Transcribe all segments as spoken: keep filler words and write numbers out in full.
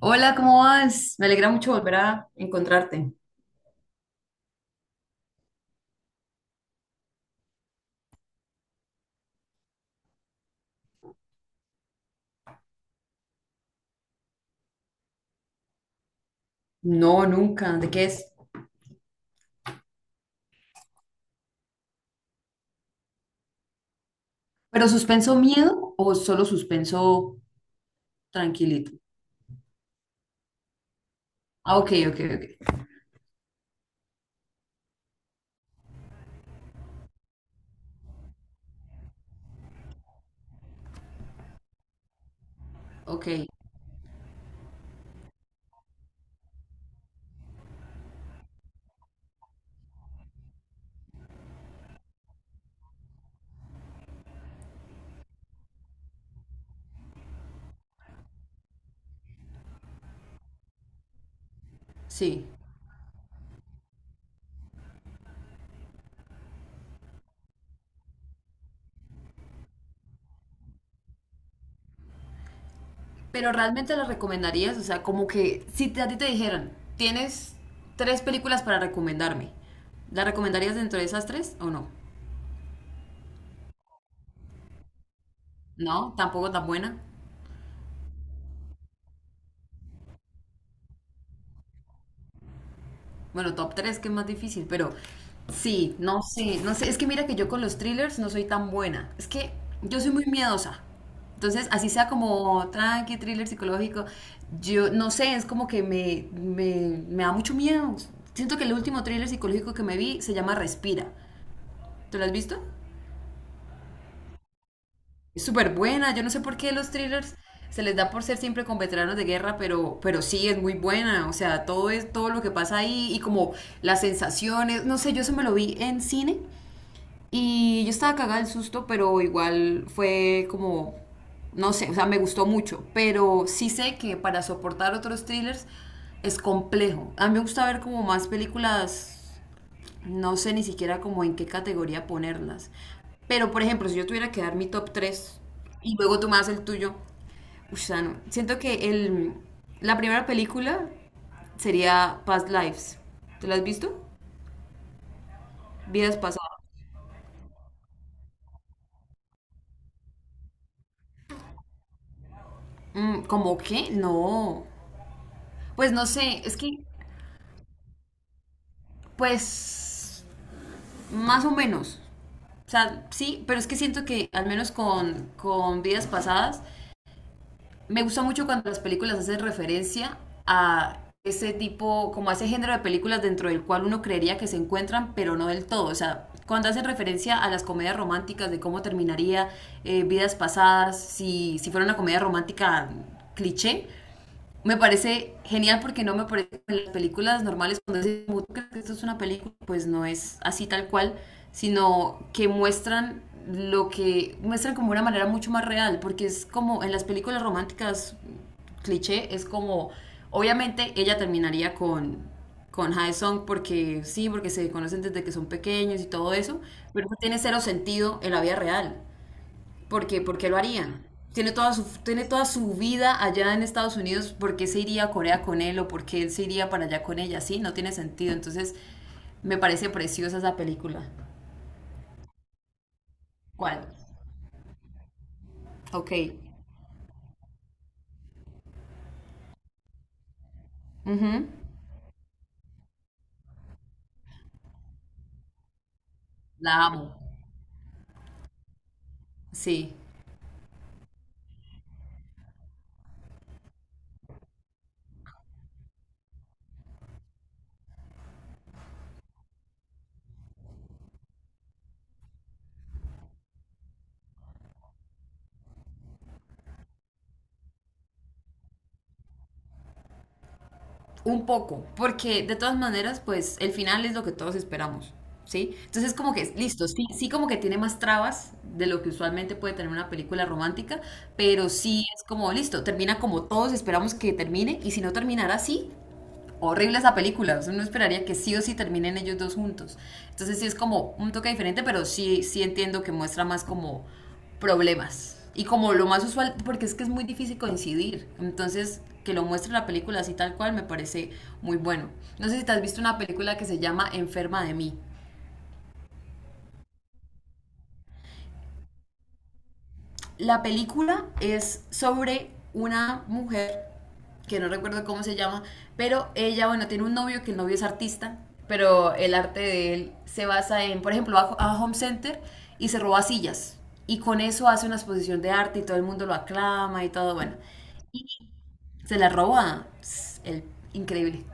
Hola, ¿cómo vas? Me alegra mucho volver a encontrarte. No, nunca. ¿De qué es? ¿Pero suspenso miedo o solo suspenso tranquilito? Ah, ok, ok, ok. Ok, sí. Pero realmente las recomendarías, o sea, como que si te- a ti te dijeran, tienes tres películas para recomendarme, ¿las recomendarías dentro de esas tres o no? No, tampoco tan buena. Bueno, top tres, que es más difícil, pero sí, no sé, no sé, es que mira que yo con los thrillers no soy tan buena. Es que yo soy muy miedosa. Entonces, así sea como tranqui, thriller psicológico, yo no sé, es como que me, me, me da mucho miedo. Siento que el último thriller psicológico que me vi se llama Respira. ¿Tú lo has visto? Es súper buena. Yo no sé por qué los thrillers se les da por ser siempre con veteranos de guerra, pero, pero sí es muy buena. O sea, todo es todo lo que pasa ahí y como las sensaciones. No sé, yo eso me lo vi en cine y yo estaba cagada del susto, pero igual fue como, no sé, o sea, me gustó mucho. Pero sí sé que para soportar otros thrillers es complejo. A mí me gusta ver como más películas, no sé ni siquiera como en qué categoría ponerlas. Pero, por ejemplo, si yo tuviera que dar mi top tres y luego tú me das el tuyo, uy, sano. Siento que el, la primera película sería Past Lives. ¿Te la has visto? Vidas pasadas. Mm, ¿cómo qué? No. Pues no sé, es que, pues, más o menos. O sea, sí, pero es que siento que al menos con, con, vidas pasadas me gusta mucho cuando las películas hacen referencia a ese tipo, como a ese género de películas dentro del cual uno creería que se encuentran, pero no del todo. O sea, cuando hacen referencia a las comedias románticas, de cómo terminaría eh, vidas pasadas, si, si fuera una comedia romántica cliché, me parece genial porque no me parece en las películas normales cuando dicen, "¿Tú crees que esto es una película?". Pues no es así tal cual, sino que muestran lo que muestran como una manera mucho más real, porque es como en las películas románticas cliché, es como, obviamente ella terminaría con, con Haesung porque sí, porque se conocen desde que son pequeños y todo eso, pero no tiene cero sentido en la vida real. ¿Por qué? ¿Por qué lo harían? Tiene toda, su, tiene toda su vida allá en Estados Unidos, ¿por qué se iría a Corea con él o por qué él se iría para allá con ella? Sí, no tiene sentido. Entonces, me parece preciosa esa película. ¿Cuál? Ok. Ujú. La amo. Sí. Un poco, porque de todas maneras, pues el final es lo que todos esperamos, ¿sí? Entonces, como que, listo, sí, sí como que tiene más trabas de lo que usualmente puede tener una película romántica, pero sí es como, listo, termina como todos esperamos que termine, y si no terminara así, horrible esa película. Uno esperaría que sí o sí terminen ellos dos juntos. Entonces sí es como un toque diferente, pero sí, sí entiendo que muestra más como problemas. Y como lo más usual, porque es que es muy difícil coincidir. Entonces, que lo muestre la película así tal cual me parece muy bueno. No sé si te has visto una película que se llama Enferma de mí. La película es sobre una mujer que no recuerdo cómo se llama, pero ella, bueno, tiene un novio que el novio es artista, pero el arte de él se basa en, por ejemplo, va a Home Center y se roba sillas. Y con eso hace una exposición de arte y todo el mundo lo aclama y todo, bueno. Y se la roba. Pss, el, increíble.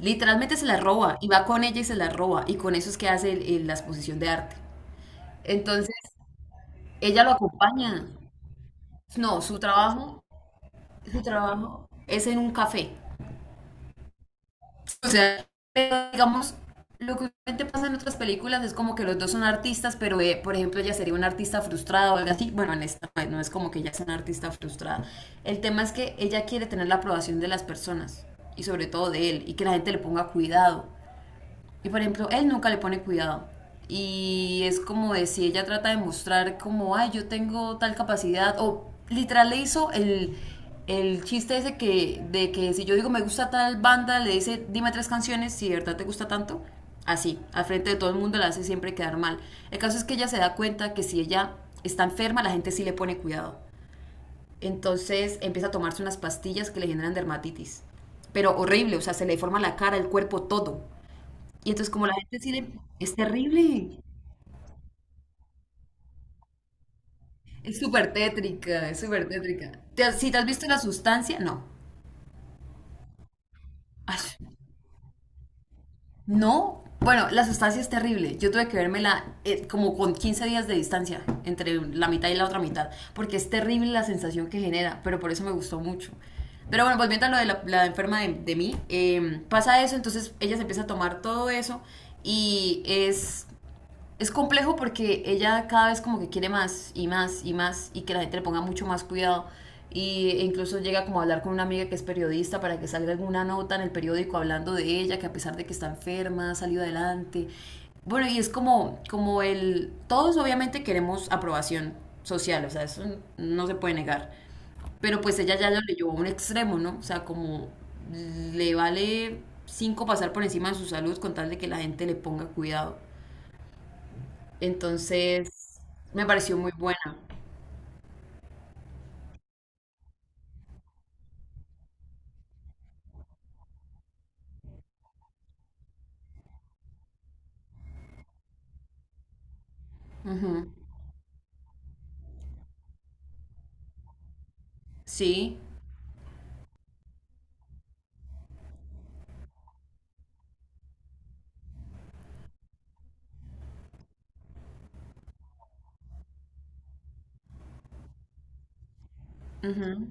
Literalmente se la roba y va con ella y se la roba. Y con eso es que hace el- el- la exposición de arte. Entonces, ella lo acompaña. No, su trabajo su trabajo es en un café. O sea, digamos, lo que usualmente pasa en otras películas es como que los dos son artistas, pero eh, por ejemplo ella sería una artista frustrada o algo así. Bueno, en esta no es- no es como que ella sea una artista frustrada. El tema es que ella quiere tener la aprobación de las personas y sobre todo de él y que la gente le ponga cuidado. Y por ejemplo, él nunca le pone cuidado. Y es como de si ella trata de mostrar como, ay, yo tengo tal capacidad. O literal le hizo el, el chiste ese que, de que si yo digo me gusta tal banda, le dice, dime tres canciones, si de verdad te gusta tanto. Así, al frente de todo el mundo la hace siempre quedar mal. El caso es que ella se da cuenta que si ella está enferma, la gente sí le pone cuidado. Entonces empieza a tomarse unas pastillas que le generan dermatitis. Pero horrible, o sea, se le deforma la cara, el cuerpo, todo. Y entonces como la gente sí le... Es terrible. Es súper tétrica, es súper tétrica. ¿Te has- si te has visto la sustancia, no? Ay, no. Bueno, la sustancia es terrible. Yo tuve que vérmela eh, como con quince días de distancia entre la mitad y la otra mitad, porque es terrible la sensación que genera, pero por eso me gustó mucho. Pero bueno, pues mientras lo de la, la enferma de, de mí, eh, pasa eso, entonces ella se empieza a tomar todo eso y es es complejo porque ella cada vez como que quiere más y más y más y que la gente le ponga mucho más cuidado. Y e incluso llega como a hablar con una amiga que es periodista para que salga alguna nota en el periódico hablando de ella, que a pesar de que está enferma, ha salido adelante. Bueno, y es como, como el... Todos obviamente queremos aprobación social, o sea, eso no se puede negar. Pero pues ella ya lo llevó a un extremo, ¿no? O sea, como le vale cinco pasar por encima de su salud con tal de que la gente le ponga cuidado. Entonces, me pareció muy buena. Ujú. Sí. Ujú.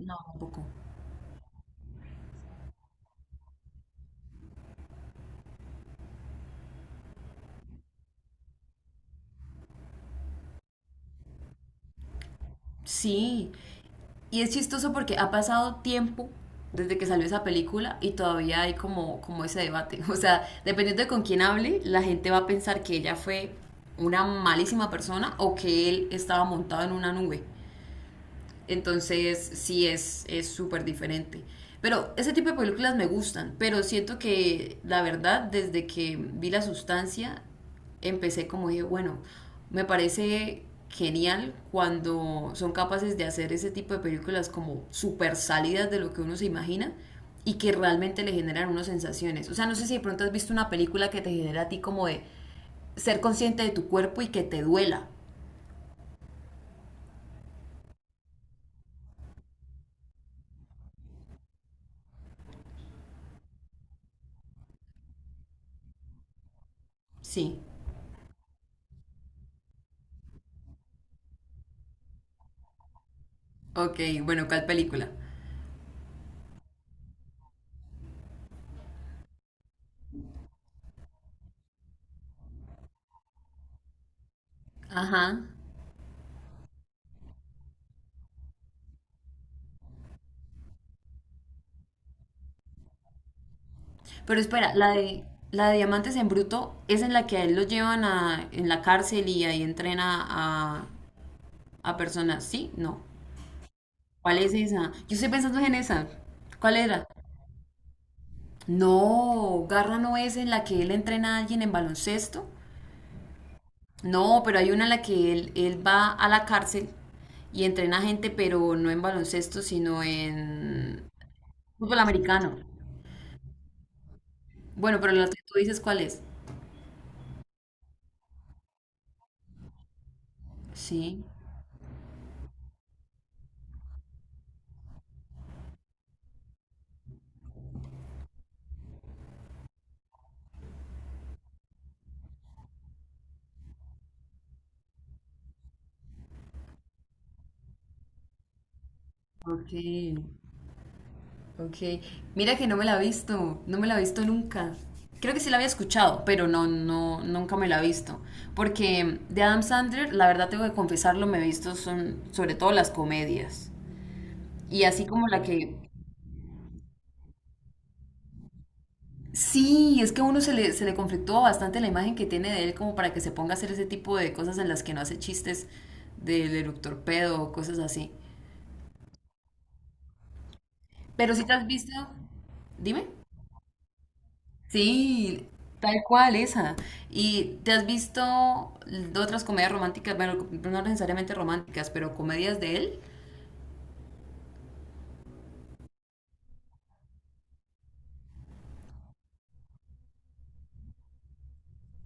No, tampoco. Sí. Y es chistoso porque ha pasado tiempo desde que salió esa película y todavía hay como, como ese debate. O sea, dependiendo de con quién hable, la gente va a pensar que ella fue una malísima persona o que él estaba montado en una nube. Entonces sí es es súper diferente. Pero ese tipo de películas me gustan, pero siento que la verdad desde que vi La Sustancia empecé como dije, bueno, me parece genial cuando son capaces de hacer ese tipo de películas como súper salidas de lo que uno se imagina y que realmente le generan unas sensaciones. O sea, no sé si de pronto has visto una película que te genera a ti como de ser consciente de tu cuerpo y que te duela. Sí. Ok, bueno, ¿cuál película? Ajá. Pero espera, la de, la de Diamantes en Bruto es en la que a él lo llevan a, en la cárcel y ahí entrena a, a personas. ¿Sí? No. ¿Cuál es esa? Yo estoy pensando en esa. ¿Cuál era? No, Garra no es en la que él entrena a alguien en baloncesto. No, pero hay una en la que él, él va a la cárcel y entrena gente, pero no en baloncesto, sino en fútbol americano. Bueno, pero la que tú dices, ¿cuál es? Sí, ok. Ok, mira que no me la he visto, no me la he visto nunca. Creo que sí la había escuchado, pero no, no, nunca me la he visto. Porque de Adam Sandler, la verdad tengo que confesarlo, me he visto son, sobre todo las comedias. Y así como la que... Sí, es que a uno se le, se le conflictúa bastante la imagen que tiene de él como para que se ponga a hacer ese tipo de cosas en las que no hace chistes del eructor pedo o cosas así. Pero si te has visto... Dime. Sí, tal cual esa. ¿Y te has visto de otras comedias románticas? Bueno, no necesariamente románticas, pero comedias de él.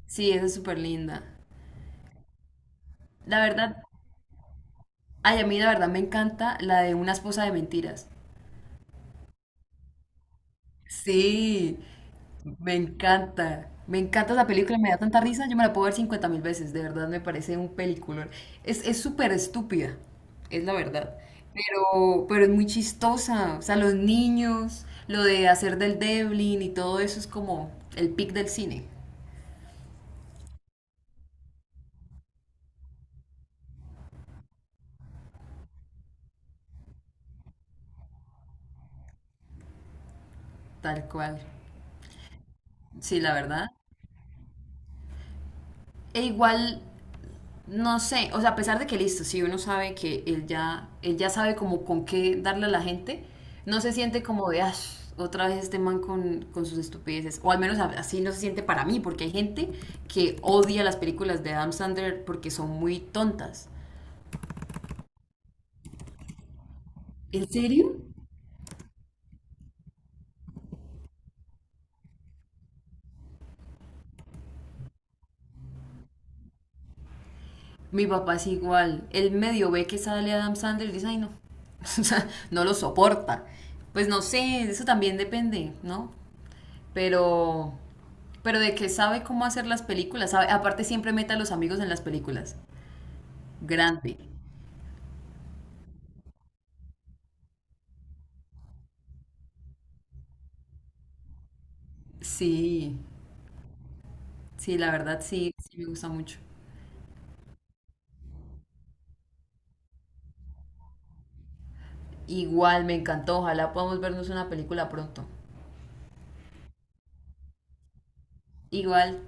Sí, esa es súper linda. La verdad, ay, a mí la verdad me encanta la de Una esposa de mentiras. Sí, me encanta. Me encanta esa película, me da tanta risa, yo me la puedo ver cincuenta mil veces, de verdad me parece un peliculón. Es, es súper estúpida, es la verdad, pero, pero es muy chistosa. O sea, los niños, lo de hacer del Devlin y todo eso es como el pic del cine, tal cual. Sí, la verdad. E igual no sé, o sea, a pesar de que listo, si uno sabe que él ya, él ya sabe como con qué darle a la gente, no se siente como de, "Ay, otra vez este man con, con sus estupideces", o al menos a- así no se siente para mí, porque hay gente que odia las películas de Adam Sandler porque son muy tontas. ¿En serio? Mi papá es igual, él medio ve que sale Adam Sandler y dice, ay no, o sea, no lo soporta. Pues no sé, eso también depende, ¿no? Pero, pero de que sabe cómo hacer las películas, sabe, aparte siempre mete a los amigos en las películas. Grande. Sí, sí, la verdad sí, sí me gusta mucho. Igual, me encantó, ojalá podamos vernos una película pronto. Igual.